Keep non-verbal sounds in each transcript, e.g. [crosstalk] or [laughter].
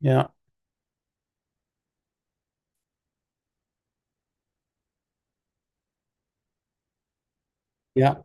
Ja, ja.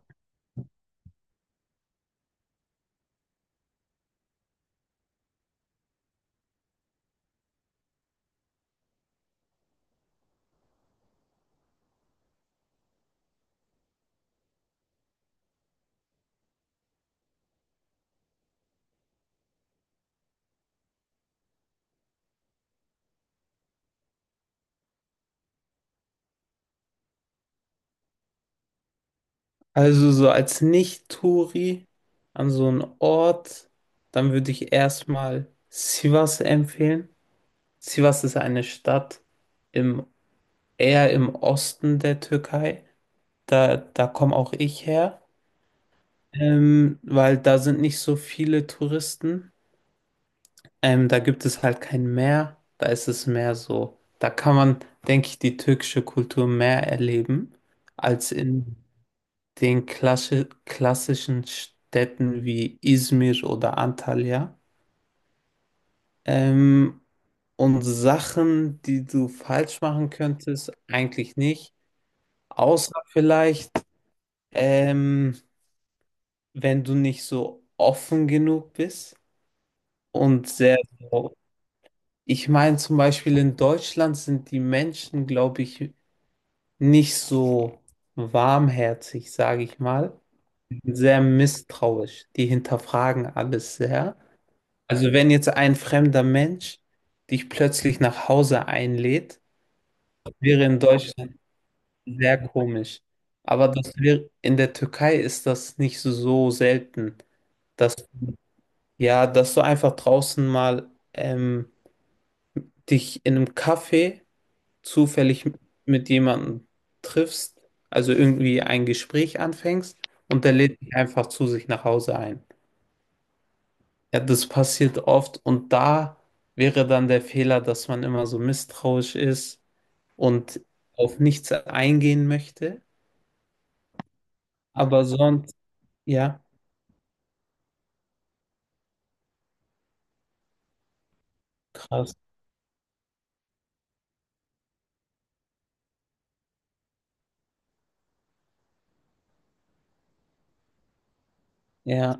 Also so als Nicht-Touri an so einen Ort, dann würde ich erstmal Sivas empfehlen. Sivas ist eine Stadt im, eher im Osten der Türkei. Da komme auch ich her, weil da sind nicht so viele Touristen. Da gibt es halt kein Meer. Da ist es mehr so. Da kann man, denke ich, die türkische Kultur mehr erleben als in den klassischen Städten wie Izmir oder Antalya. Ähm, und Sachen, die du falsch machen könntest, eigentlich nicht. Außer vielleicht, ähm, wenn du nicht so offen genug bist und sehr so. Ich meine, zum Beispiel in Deutschland sind die Menschen, glaube ich, nicht so warmherzig, sage ich mal, sehr misstrauisch. Die hinterfragen alles sehr. Also wenn jetzt ein fremder Mensch dich plötzlich nach Hause einlädt, wäre in Deutschland sehr komisch. Aber das wäre, in der Türkei ist das nicht so selten, dass ja, dass du einfach draußen mal dich in einem Café zufällig mit jemandem triffst, also irgendwie ein Gespräch anfängst und der lädt dich einfach zu sich nach Hause ein. Ja, das passiert oft und da wäre dann der Fehler, dass man immer so misstrauisch ist und auf nichts eingehen möchte. Aber sonst, ja, krass. Ja,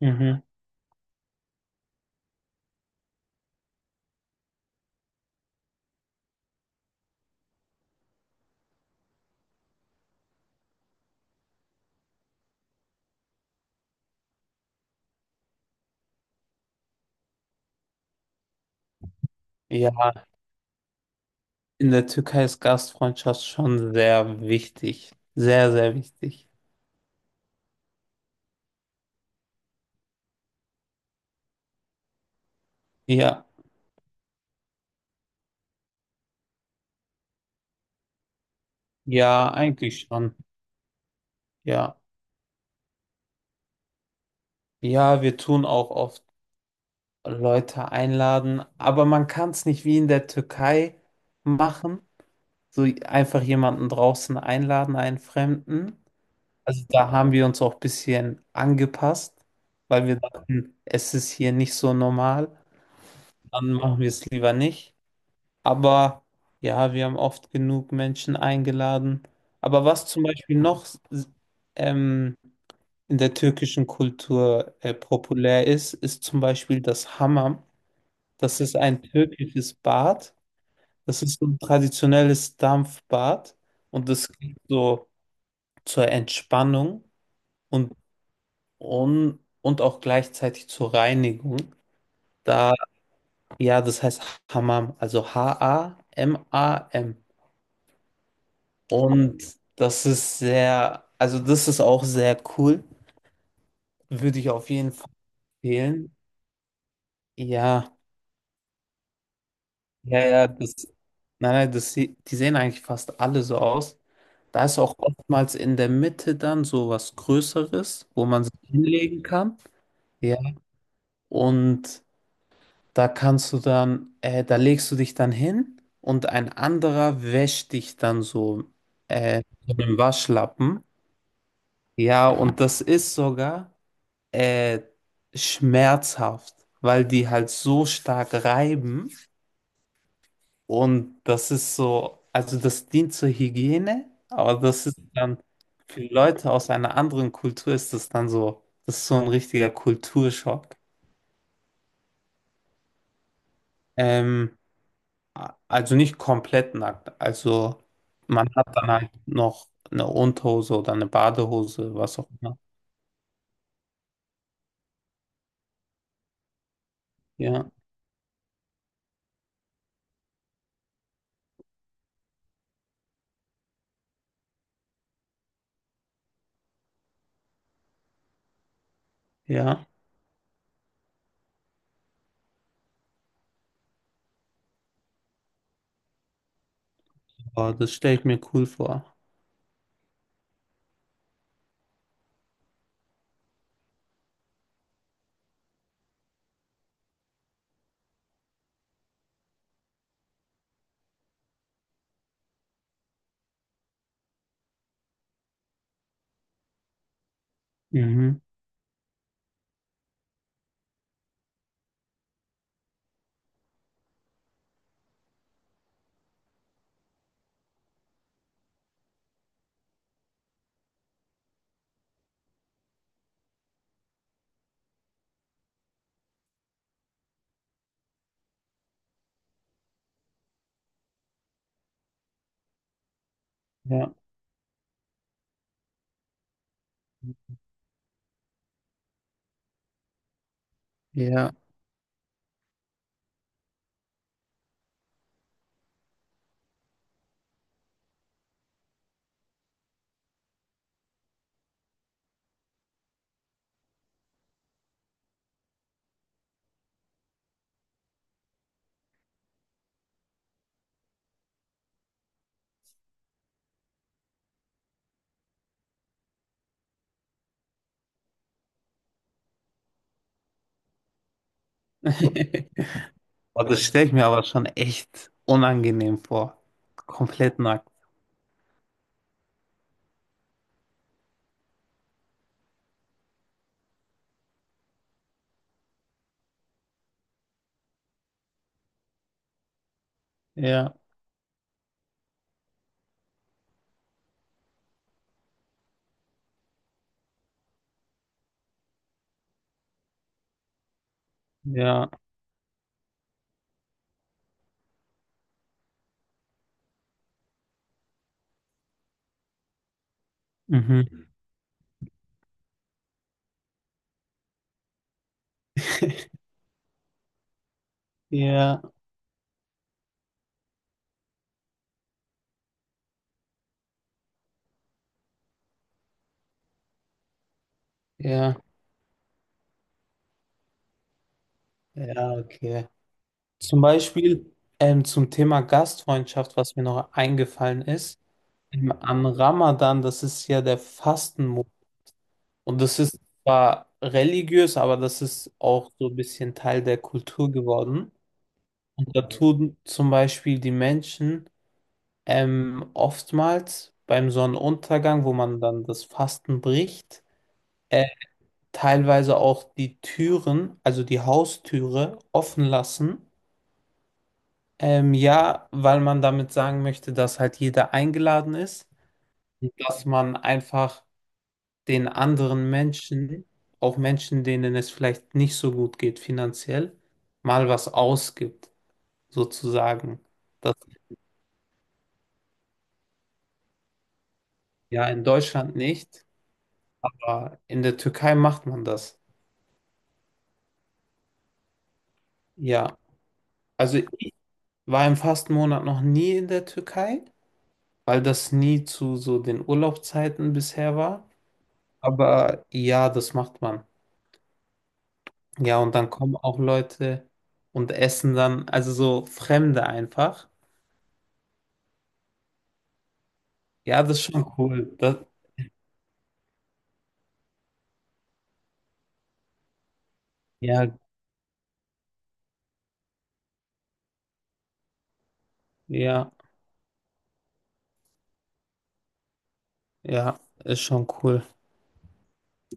mhm. Ja, in der Türkei ist Gastfreundschaft schon sehr wichtig. Sehr, sehr wichtig. Ja, ja, eigentlich schon. Ja, ja, wir tun auch oft Leute einladen, aber man kann es nicht wie in der Türkei machen, so einfach jemanden draußen einladen, einen Fremden. Also da haben wir uns auch ein bisschen angepasst, weil wir dachten, es ist hier nicht so normal, dann machen wir es lieber nicht. Aber ja, wir haben oft genug Menschen eingeladen. Aber was zum Beispiel noch ähm, in der türkischen Kultur populär ist, ist zum Beispiel das Hammam. Das ist ein türkisches Bad. Das ist so ein traditionelles Dampfbad und das geht so zur Entspannung und, und auch gleichzeitig zur Reinigung. Da, ja, das heißt Hammam, also Hamam. Und das ist sehr, also das ist auch sehr cool. Würde ich auf jeden Fall empfehlen. Ja, ja, ja, das, nein, nein, das, die sehen eigentlich fast alle so aus. Da ist auch oftmals in der Mitte dann so was Größeres, wo man sich hinlegen kann. Ja. Und da legst du dich dann hin und ein anderer wäscht dich dann so mit einem Waschlappen. Ja, und das ist sogar äh, schmerzhaft, weil die halt so stark reiben und das ist so, also das dient zur Hygiene, aber das ist dann, für Leute aus einer anderen Kultur ist das dann so, das ist so ein richtiger Kulturschock. Ähm, Also nicht komplett nackt. Also man hat dann halt noch eine Unterhose oder eine Badehose, was auch immer. Ja, ja. Aber das stelle ich mir cool vor. Mhm. Ja, ja. [laughs] Aber das stelle ich mir aber schon echt unangenehm vor. Komplett nackt. Ja, ja. Mhm. [laughs] Ja, ja, ja, okay. Zum Beispiel, zum Thema Gastfreundschaft, was mir noch eingefallen ist. Am Ramadan, das ist ja der Fastenmonat. Und das ist zwar religiös, aber das ist auch so ein bisschen Teil der Kultur geworden. Und da tun zum Beispiel die Menschen oftmals beim Sonnenuntergang, wo man dann das Fasten bricht, äh, teilweise auch die Türen, also die Haustüre, offen lassen. Ja, weil man damit sagen möchte, dass halt jeder eingeladen ist und dass man einfach den anderen Menschen, auch Menschen, denen es vielleicht nicht so gut geht finanziell, mal was ausgibt, sozusagen. Das ja in Deutschland nicht, aber in der Türkei macht man das. Ja, also ich war im Fastenmonat noch nie in der Türkei, weil das nie zu so den Urlaubszeiten bisher war. Aber ja, das macht man. Ja, und dann kommen auch Leute und essen dann, also so Fremde einfach. Ja, das ist schon cool. Das, ja, ja, ja, ist schon cool.